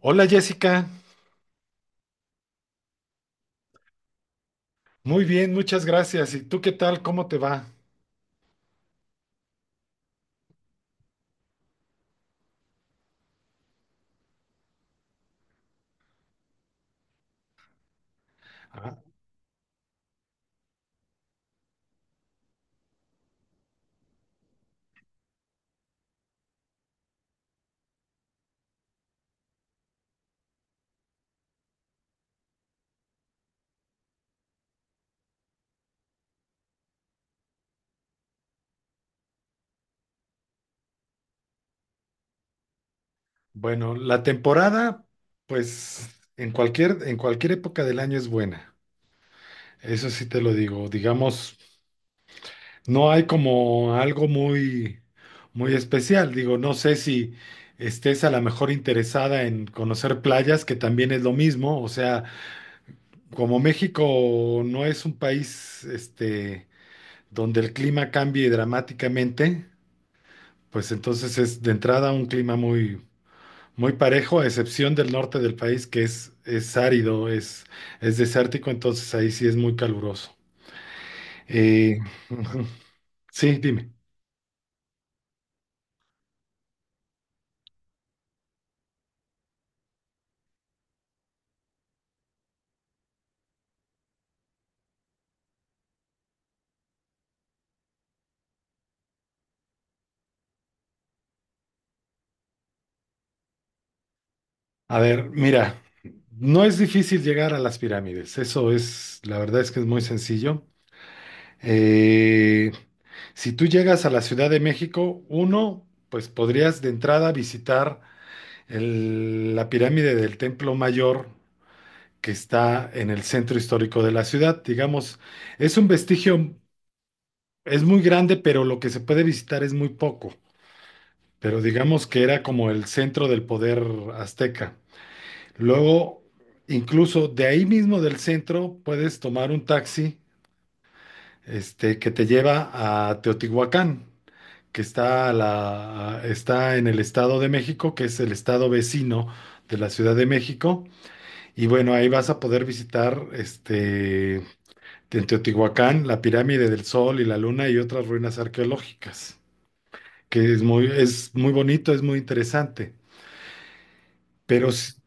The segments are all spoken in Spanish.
Hola Jessica, muy bien, muchas gracias. ¿Y tú qué tal? ¿Cómo te va? Ah, bueno, la temporada, pues en cualquier época del año es buena. Eso sí te lo digo. Digamos, no hay como algo muy, muy especial. Digo, no sé si estés a lo mejor interesada en conocer playas, que también es lo mismo. O sea, como México no es un país, este, donde el clima cambie dramáticamente. Pues entonces es de entrada un clima muy, muy parejo, a excepción del norte del país, que es árido, es desértico, entonces ahí sí es muy caluroso. Eh, ujú. Sí, dime. A ver, mira, no es difícil llegar a las pirámides, eso es, la verdad es que es muy sencillo. Eh, si tú llegas a la Ciudad de México, uno, pues podrías de entrada visitar la pirámide del Templo Mayor que está en el centro histórico de la ciudad. Digamos, es un vestigio, es muy grande, pero lo que se puede visitar es muy poco. Pero digamos que era como el centro del poder azteca. Luego, incluso de ahí mismo del centro, puedes tomar un taxi, este, que te lleva a Teotihuacán, que está, está en el Estado de México, que es el estado vecino de la Ciudad de México. Y bueno, ahí vas a poder visitar este, en Teotihuacán, la pirámide del Sol y la Luna y otras ruinas arqueológicas, que es muy bonito, es muy interesante. Pero s-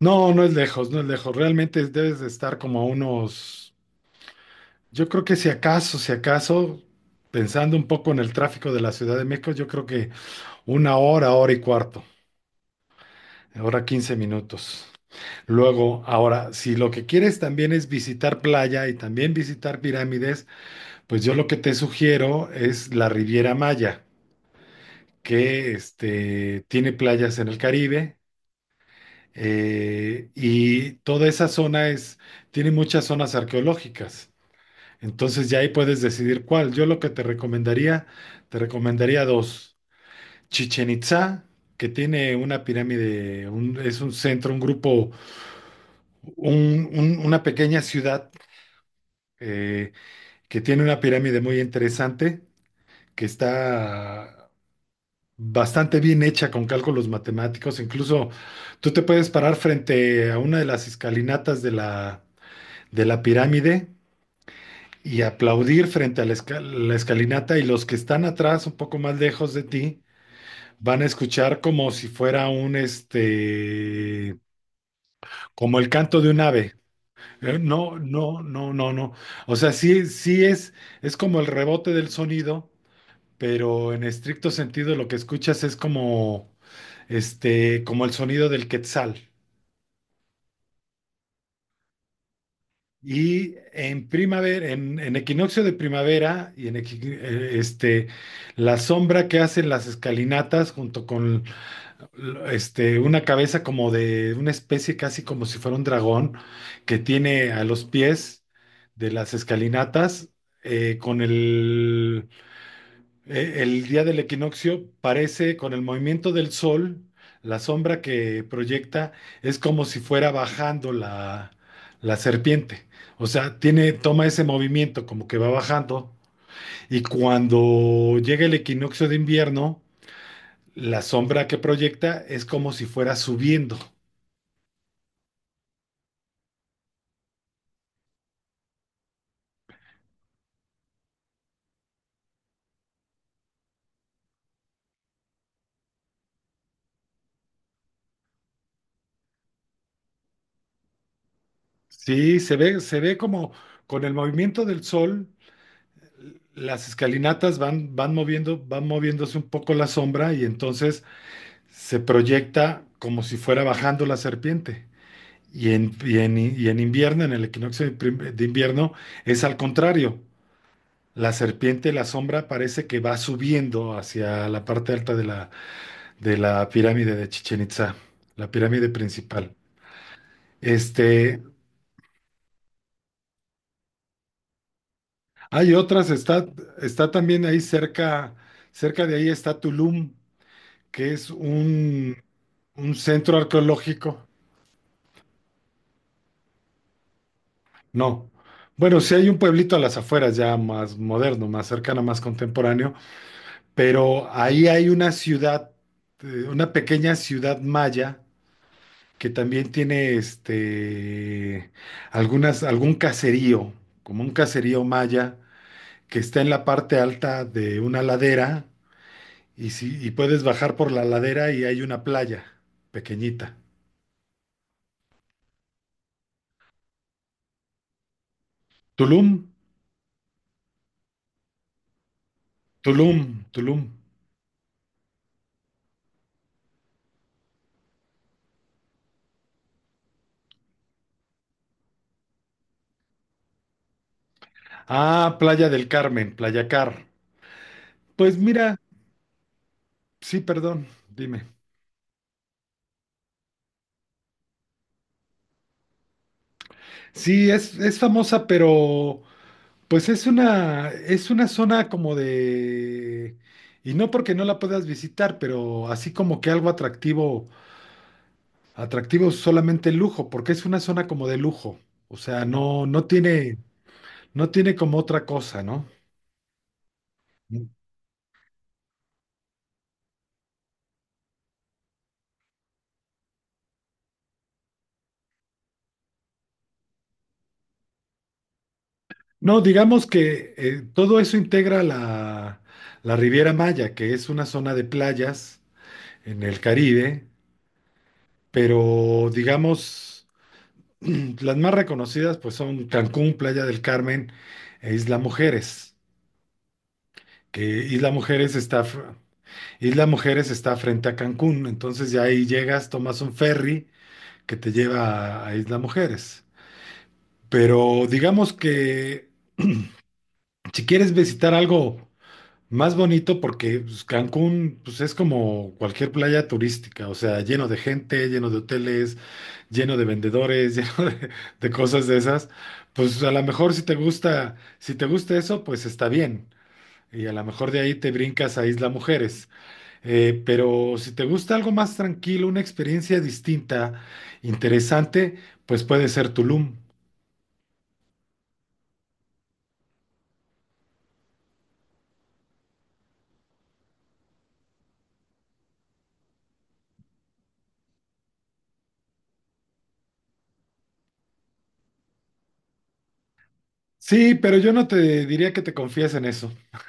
no, no es lejos, no es lejos. Realmente debes de estar como a unos, yo creo que si acaso, si acaso, pensando un poco en el tráfico de la Ciudad de México, yo creo que una hora, hora y cuarto, hora quince minutos. Luego, ahora, si lo que quieres también es visitar playa y también visitar pirámides, pues yo lo que te sugiero es la Riviera Maya que este, tiene playas en el Caribe y toda esa zona es, tiene muchas zonas arqueológicas. Entonces ya ahí puedes decidir cuál. Yo lo que te recomendaría dos. Chichen Itzá, que tiene una pirámide, es un centro, un grupo, una pequeña ciudad eh, que tiene una pirámide muy interesante, que está bastante bien hecha con cálculos matemáticos. Incluso tú te puedes parar frente a una de las escalinatas de la pirámide y aplaudir frente a la escalinata y los que están atrás, un poco más lejos de ti, van a escuchar como si fuera un, este, como el canto de un ave. No, no, no, no, no. O sea, sí, sí es como el rebote del sonido, pero en estricto sentido lo que escuchas es como este, como el sonido del quetzal. Y en primavera, en equinoccio de primavera, este, la sombra que hacen las escalinatas junto con este, una cabeza como de una especie casi como si fuera un dragón que tiene a los pies de las escalinatas con el el día del equinoccio parece, con el movimiento del sol, la sombra que proyecta es como si fuera bajando la serpiente. O sea, tiene, toma ese movimiento como que va bajando y cuando llega el equinoccio de invierno, la sombra que proyecta es como si fuera subiendo. Sí, se ve como con el movimiento del sol, las escalinatas van, van moviendo, van moviéndose un poco la sombra y entonces se proyecta como si fuera bajando la serpiente. Y en invierno, en el de invierno, es al contrario. La serpiente, la sombra, parece que va subiendo hacia la parte alta de de la pirámide de Chichen Itza, la pirámide principal. Este, hay otras, está, está también ahí cerca, cerca de ahí está Tulum, que es un centro arqueológico. No. Bueno, sí hay un pueblito a las afueras ya más moderno, más cercano, más contemporáneo, pero ahí hay una ciudad, una pequeña ciudad maya que también tiene este algunas algún caserío, como un caserío maya que está en la parte alta de una ladera y si y puedes bajar por la ladera y hay una playa pequeñita. Tulum, Tulum, Tulum. Ah, Playa del Carmen, Playa Car. Pues mira, sí, perdón, dime. Sí, es famosa, pero pues es una zona como de... Y no porque no la puedas visitar, pero así como que algo atractivo, atractivo solamente el lujo, porque es una zona como de lujo. O sea, no, no tiene, no tiene como otra cosa, ¿no? No, digamos que todo eso integra la Riviera Maya, que es una zona de playas en el Caribe, pero digamos... Las más reconocidas pues son Cancún, Playa del Carmen e Isla Mujeres, que Isla Mujeres está frente a Cancún, entonces ya ahí llegas, tomas un ferry que te lleva a Isla Mujeres. Pero digamos que si quieres visitar algo más bonito, porque pues, Cancún pues, es como cualquier playa turística, o sea, lleno de gente, lleno de hoteles lleno de vendedores, lleno de cosas de esas, pues a lo mejor si te gusta, si te gusta eso, pues está bien. Y a lo mejor de ahí te brincas a Isla Mujeres. Pero si te gusta algo más tranquilo, una experiencia distinta, interesante, pues puede ser Tulum. Sí, pero yo no te diría que te confíes en eso.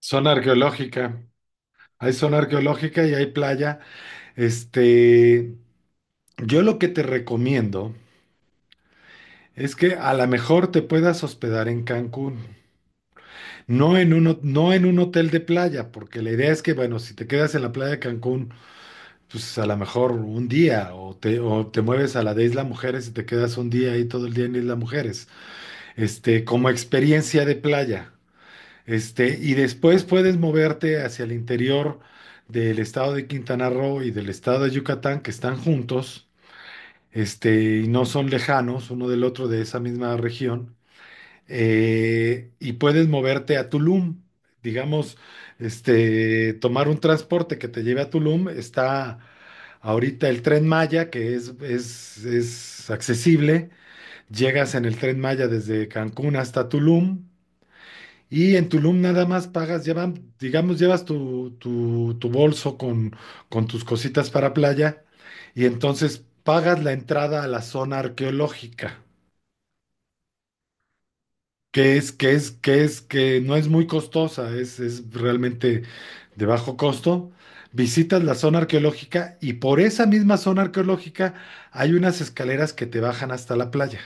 Zona arqueológica. Hay zona arqueológica y hay playa. Este, yo lo que te recomiendo es que a lo mejor te puedas hospedar en Cancún, no en un hotel de playa, porque la idea es que, bueno, si te quedas en la playa de Cancún, pues a lo mejor un día, o o te mueves a la de Isla Mujeres y te quedas un día ahí todo el día en Isla Mujeres, este, como experiencia de playa, este, y después puedes moverte hacia el interior del estado de Quintana Roo y del estado de Yucatán, que están juntos, este, y no son lejanos uno del otro de esa misma región y puedes moverte a Tulum. Digamos, este, tomar un transporte que te lleve a Tulum, está ahorita el Tren Maya, que es accesible. Llegas en el Tren Maya desde Cancún hasta Tulum. Y en Tulum nada más pagas, llevan, digamos, llevas tu bolso con tus cositas para playa y entonces pagas la entrada a la zona arqueológica. Que es, que es, que es, que no es muy costosa, es realmente de bajo costo. Visitas la zona arqueológica y por esa misma zona arqueológica hay unas escaleras que te bajan hasta la playa.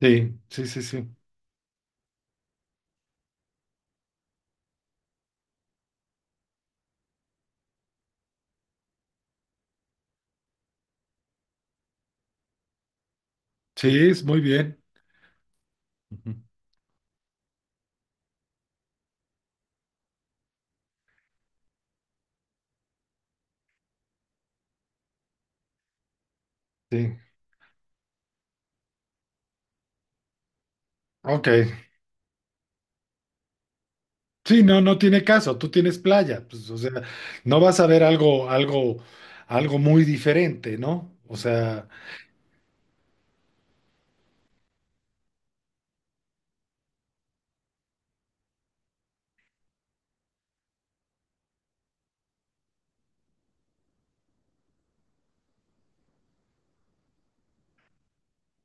Sí, sí, sí, sí. Sí, es muy bien. Ujú. Sí. Ok. Sí, no, no tiene caso. Tú tienes playa. Pues, o sea, no vas a ver algo, algo, algo muy diferente, ¿no? O sea,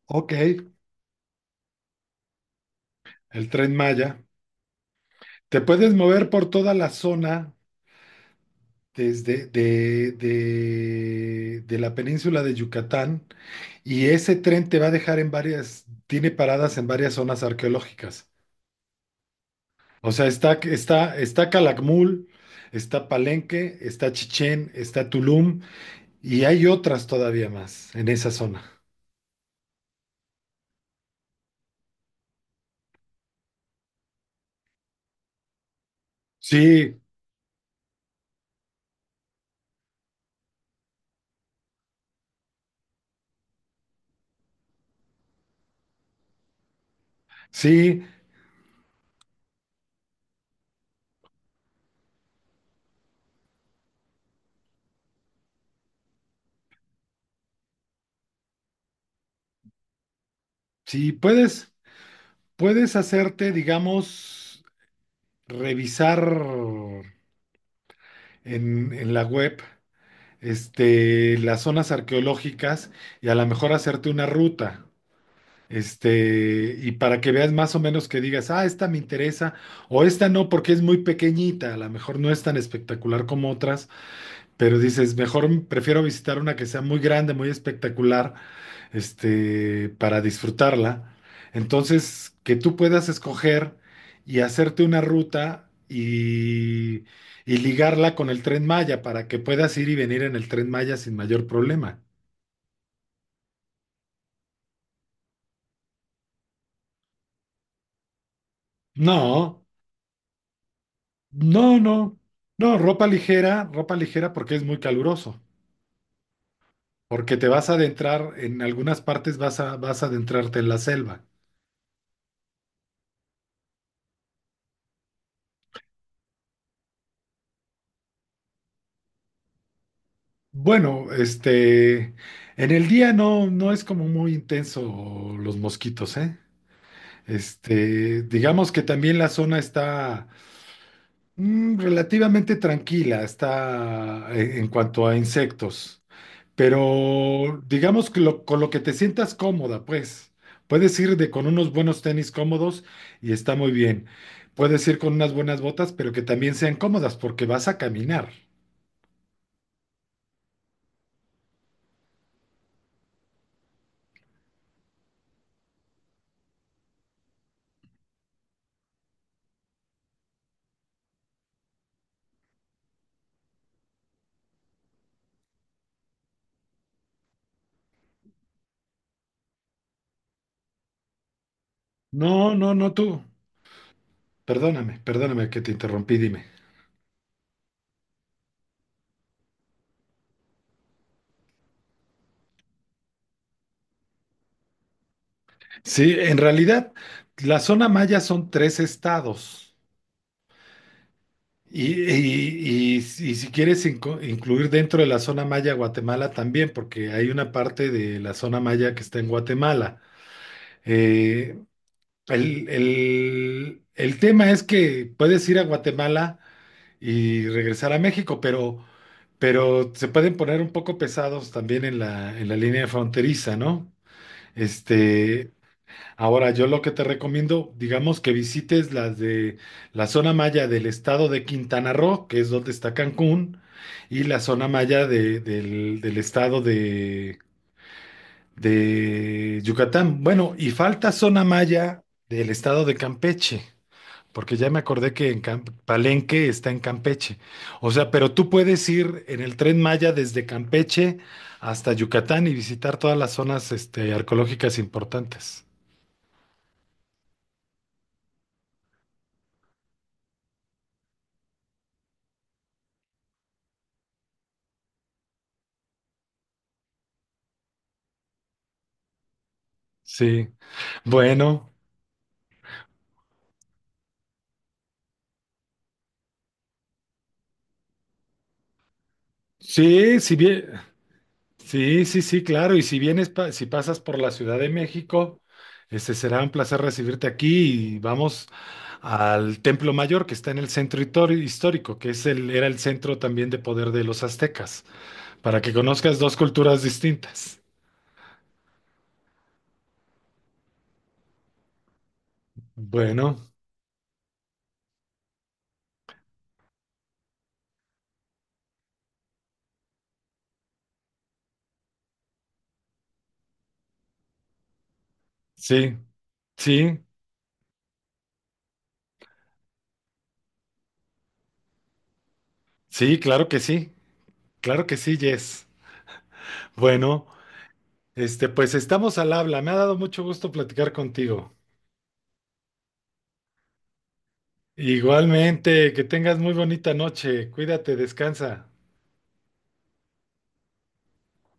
ok, el Tren Maya. Te puedes mover por toda la zona desde de la península de Yucatán y ese tren te va a dejar en varias, tiene paradas en varias zonas arqueológicas. O sea, está Calakmul, está Palenque, está Chichén, está Tulum y hay otras todavía más en esa zona. Sí, sí, sí, puedes, puedes hacerte, digamos, revisar en la web este, las zonas arqueológicas y a lo mejor hacerte una ruta. Este, y para que veas más o menos que digas, ah, esta me interesa, o esta no, porque es muy pequeñita, a lo mejor no es tan espectacular como otras, pero dices, mejor prefiero visitar una que sea muy grande, muy espectacular, este, para disfrutarla. Entonces, que tú puedas escoger y hacerte una ruta y ligarla con el Tren Maya para que puedas ir y venir en el Tren Maya sin mayor problema. No, no, no, no, ropa ligera porque es muy caluroso, porque te vas a adentrar, en algunas partes vas a adentrarte en la selva. Bueno, este, en el día no, no es como muy intenso los mosquitos, ¿eh? Este, digamos que también la zona está mm, relativamente tranquila, está en cuanto a insectos, pero digamos que con lo que te sientas cómoda, pues, puedes ir de con unos buenos tenis cómodos y está muy bien. Puedes ir con unas buenas botas, pero que también sean cómodas porque vas a caminar. No, no, no tú. Perdóname, perdóname que te interrumpí, dime. Sí, en realidad, la zona maya son tres estados. Y, y si quieres incluir dentro de la zona maya Guatemala también, porque hay una parte de la zona maya que está en Guatemala. Eh, el tema es que puedes ir a Guatemala y regresar a México, pero se pueden poner un poco pesados también en en la línea fronteriza, ¿no? Este, ahora, yo lo que te recomiendo, digamos que visites las de la zona maya del estado de Quintana Roo, que es donde está Cancún, y la zona maya del estado de Yucatán. Bueno, y falta zona maya del estado de Campeche, porque ya me acordé que en Palenque está en Campeche. O sea, pero tú puedes ir en el tren maya desde Campeche hasta Yucatán y visitar todas las zonas, este, arqueológicas importantes. Sí. Bueno, sí, si bien, sí, sí, sí, claro. Y si vienes, si pasas por la Ciudad de México, este será un placer recibirte aquí y vamos al Templo Mayor que está en el centro histórico, que es el, era el centro también de poder de los aztecas, para que conozcas dos culturas distintas. Bueno, sí, sí, sí, claro que sí, claro que sí, Jess. Bueno, este, pues estamos al habla. Me ha dado mucho gusto platicar contigo. Igualmente, que tengas muy bonita noche. Cuídate, descansa.